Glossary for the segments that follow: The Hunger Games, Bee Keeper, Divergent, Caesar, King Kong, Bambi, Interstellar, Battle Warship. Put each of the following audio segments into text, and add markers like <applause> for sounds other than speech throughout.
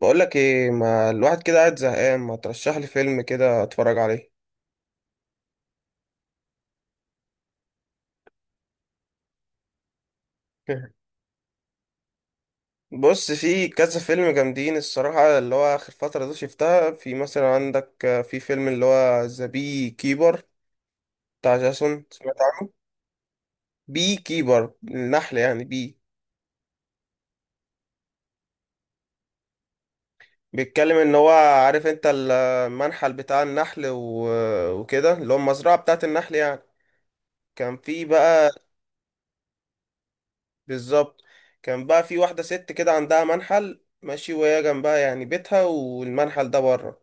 بقول لك ايه، ما الواحد كده قاعد زهقان، ما ترشح لي فيلم كده اتفرج عليه. <laughs> بص، في كذا فيلم جامدين الصراحة اللي هو آخر فترة دي شفتها. في مثلا عندك في فيلم اللي هو ذا بي كيبر بتاع جاسون، سمعت عنه؟ بي كيبر النحل يعني. بيتكلم ان هو، عارف انت المنحل بتاع النحل و... وكده اللي هو المزرعة بتاعت النحل يعني. كان في بقى، بالظبط. كان بقى في واحدة ست كده عندها منحل ماشي، وهي جنبها يعني بيتها والمنحل ده بره.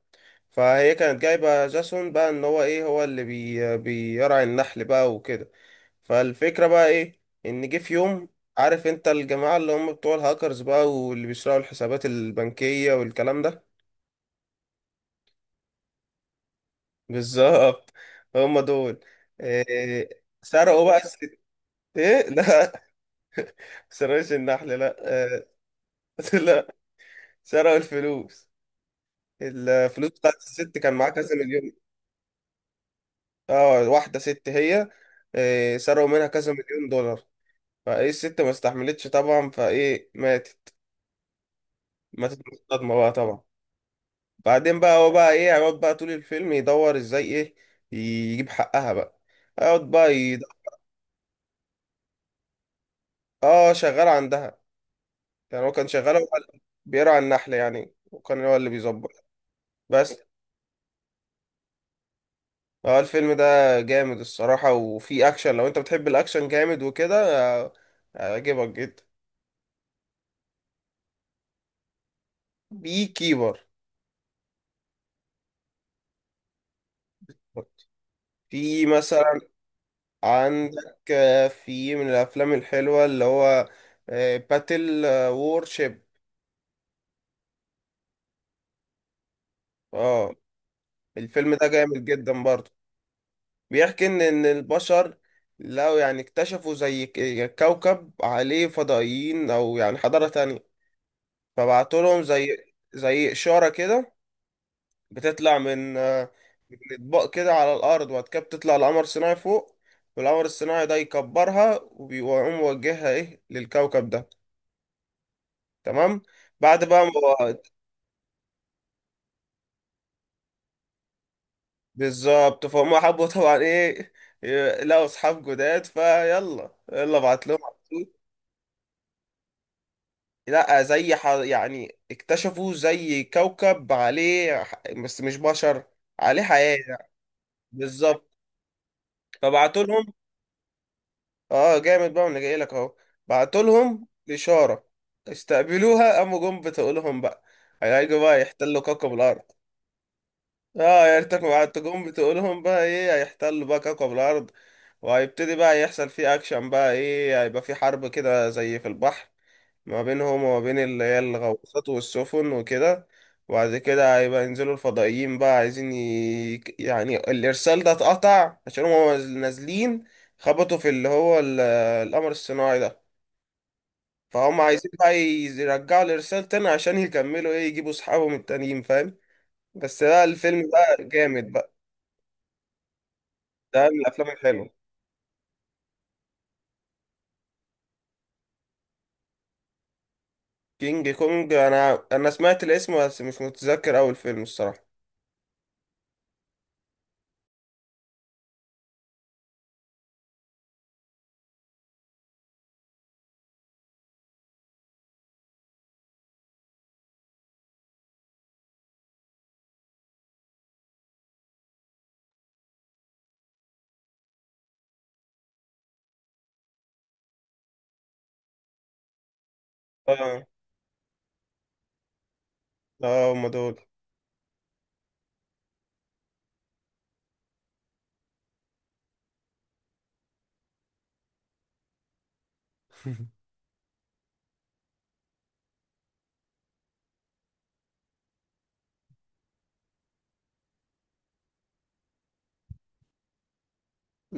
فهي كانت جايبة جاسون بقى ان هو ايه، هو اللي بيرعي النحل بقى وكده. فالفكرة بقى ايه، ان جه في يوم، عارف انت الجماعة اللي هم بتوع الهاكرز بقى واللي بيسرقوا الحسابات البنكية والكلام ده. بالظبط، هم دول. إيه، سرقوا بقى الست. ايه، لا <laughs> سرقوش النحل، لا إيه. <laughs> لا، سرقوا الفلوس. الفلوس بتاعت الست كان معاها كذا مليون. اه واحدة ست هي. سرقوا منها كذا مليون دولار. فايه الست ما استحملتش طبعا، فايه ماتت، ماتت من الصدمة بقى طبعا. بعدين بقى هو بقى ايه، هيقعد بقى طول الفيلم يدور ازاي، ايه، يجيب حقها بقى. يقعد بقى يد... اه شغال عندها، يعني هو كان شغال، هو بيرعى النحل يعني، وكان هو اللي بيظبط بس. اه الفيلم ده جامد الصراحة، وفيه اكشن، لو انت بتحب الاكشن جامد وكده آه، هيعجبك جدا. بي كيبر. في مثلا عندك في من الافلام الحلوه اللي هو باتل وورشيب. اه الفيلم ده جامد جدا برضه. بيحكي ان البشر لو يعني اكتشفوا زي كوكب عليه فضائيين، او يعني حضاره تانية، فبعتوا لهم زي اشاره كده، بتطلع من من اطباق كده على الارض. وبعد كده بتطلع لقمر صناعي فوق، والقمر الصناعي ده يكبرها ويقوم موجهها ايه للكوكب ده. تمام. بعد بقى ما هو- بالظبط. فهم حبوا طبعا ايه، لقوا اصحاب جداد، فيلا، يلا بعت لهم على طول. لا، يعني اكتشفوا زي كوكب عليه بس مش بشر، عليه حياة يعني. بالظبط، فبعتوا لهم. اه جامد بقى، انا جاي لك اهو. بعتوا لهم اشاره، استقبلوها، قاموا جم بتقولهم بقى هيجوا بقى يحتلوا كوكب الارض. اه يعني انت، بعتوا جم بتقولهم بقى ايه، هيحتلوا بقى كوكب الارض. وهيبتدي بقى يحصل فيه اكشن بقى، ايه، هيبقى في حرب كده زي في البحر، ما بينهم وما بين اللي هي الغواصات والسفن وكده. وبعد كده هيبقى ينزلوا الفضائيين بقى عايزين يعني الإرسال ده اتقطع عشان هما نازلين خبطوا في اللي هو القمر الصناعي ده. فهم عايزين بقى يرجعوا الإرسال تاني عشان يكملوا، إيه، يجيبوا أصحابهم التانيين فاهم. بس ده الفيلم بقى جامد بقى، ده من الأفلام الحلوة. كينج كونج، أنا سمعت الاسم بس مش متذكر أول فيلم الصراحة. آه، آه هما دول.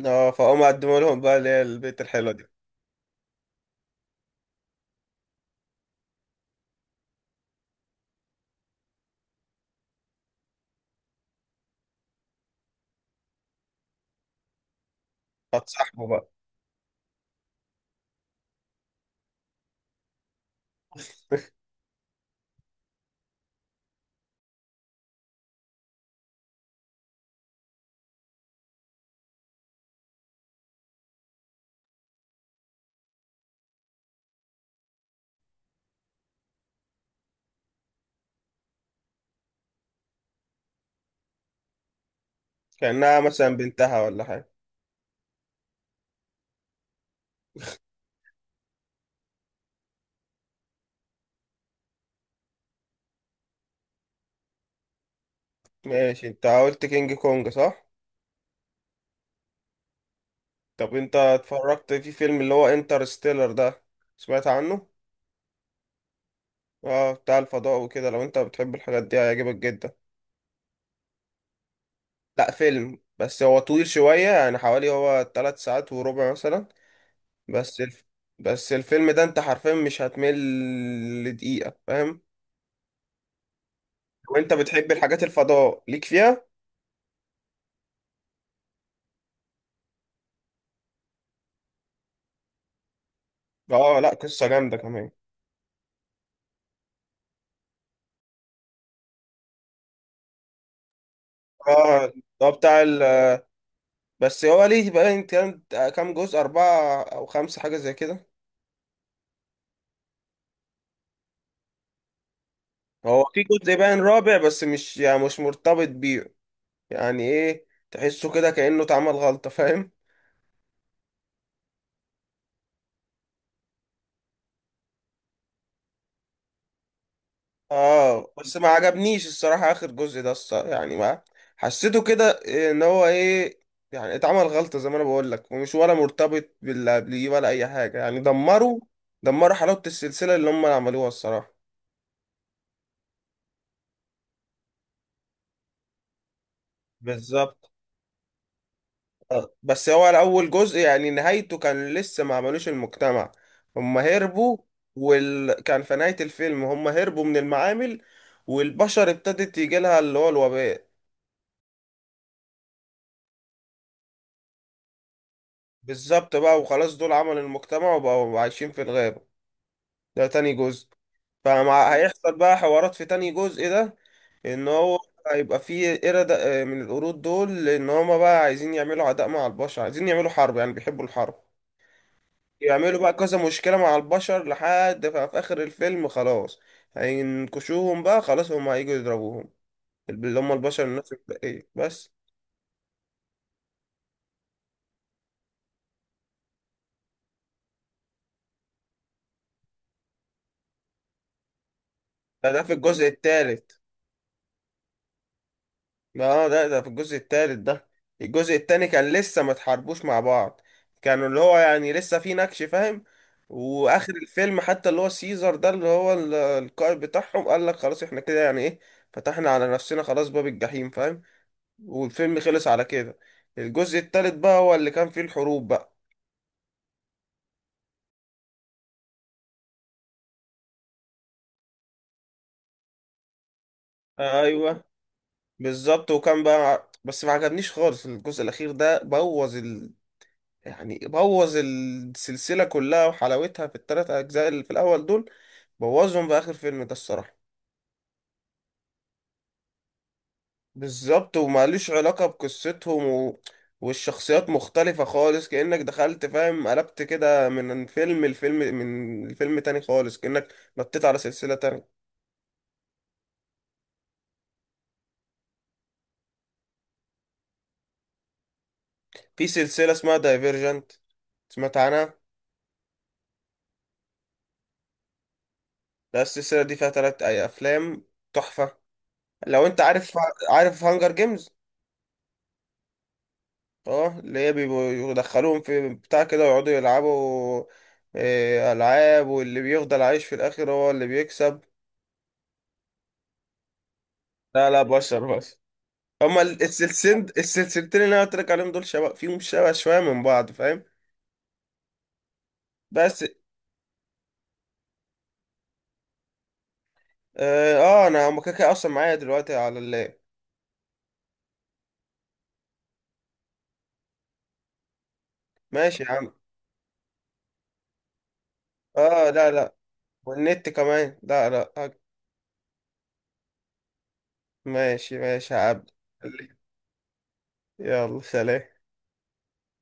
اه فهم قدموا لهم بقى اللي هي البيت الحلوة دي. هتصاحبوا بقى. كأنها مثلا بنتها ولا حاجة. ماشي، انت قلت كينج كونج صح؟ طب انت اتفرجت في فيلم اللي هو انترستيلر ده، سمعت عنه؟ اه بتاع الفضاء وكده، لو انت بتحب الحاجات دي هيعجبك جدا. لا فيلم، بس هو طويل شوية يعني، حوالي هو 3 ساعات وربع مثلا. بس الف... بس الفيلم ده انت حرفيا مش هتمل لدقيقة، فاهم؟ وانت بتحب الحاجات، الفضاء ليك فيها؟ اه لا قصة جامدة كمان. اه هو بتاع بس هو ليه باين كام جزء، أربعة أو خمسة، حاجة زي كده. هو في جزء باين رابع بس، مش يعني مش مرتبط بيه، يعني إيه، تحسه كده كأنه اتعمل غلطة، فاهم. اه بس ما عجبنيش الصراحة آخر جزء ده الصراحة، يعني ما، حسيته كده إن هو إيه، يعني اتعمل غلطة زي ما أنا بقول لك، ومش ولا مرتبط باللي قبليه ولا أي حاجة، يعني دمروا حلاوة السلسلة اللي هم عملوها الصراحة. بالظبط. آه. بس هو اول جزء يعني نهايته كان لسه ما عملوش المجتمع، هم هربوا. كان في نهاية الفيلم هم هربوا من المعامل، والبشر ابتدت يجي لها اللي هو الوباء. بالظبط بقى، وخلاص دول عملوا المجتمع وبقوا عايشين في الغابة، ده تاني جزء. فمع هيحصل بقى حوارات في تاني جزء ده، ان هو هيبقى فيه قردة، من القرود دول، لان هما بقى عايزين يعملوا عداء مع البشر، عايزين يعملوا حرب، يعني بيحبوا الحرب. يعملوا بقى كذا مشكلة مع البشر لحد في آخر الفيلم، خلاص هينكشوهم بقى، خلاص هم هيجوا يضربوهم، اللي هم البشر الناس الباقية بس. ده في الجزء التالت. اه ده في الجزء التالت ده، الجزء التاني كان لسه ما اتحاربوش مع بعض، كانوا اللي هو يعني لسه في نكش، فاهم. واخر الفيلم حتى اللي هو سيزر ده اللي هو القائد بتاعهم قال لك خلاص احنا كده، يعني ايه، فتحنا على نفسنا خلاص باب الجحيم، فاهم. والفيلم خلص على كده. الجزء التالت بقى هو اللي كان فيه الحروب بقى. ايوه، بالظبط. وكان بقى، بس ما عجبنيش خالص الجزء الأخير ده، يعني بوظ السلسلة كلها وحلاوتها في التلات أجزاء اللي في الأول دول. بوظهم في آخر فيلم ده الصراحة. بالظبط، وماليش علاقة بقصتهم و... والشخصيات مختلفة خالص، كأنك دخلت، فاهم، قلبت كده من فيلم لفيلم، من الفيلم تاني خالص، كأنك نطيت على سلسلة تانية. في سلسلة اسمها دايفيرجنت، سمعت عنها. لا، السلسلة دي فيها تلات أي أفلام تحفة. لو أنت عارف، عارف هانجر جيمز. اه اللي هي بيبقوا يدخلوهم في بتاع كده ويقعدوا يلعبوا، إيه، ألعاب، واللي بيفضل عايش في الآخر هو اللي بيكسب. لا لا، بشر بس. هما السلسلتين اللي أنا قلت لك عليهم دول، شبه فيهم شبه شوية من بعض، فاهم. بس، اه أنا هما كده كده أصلا معايا دلوقتي على اللاب. ماشي يا عم. اه لا لا والنت كمان، لا لا ماشي ماشي يا عبد. يلا، سلام.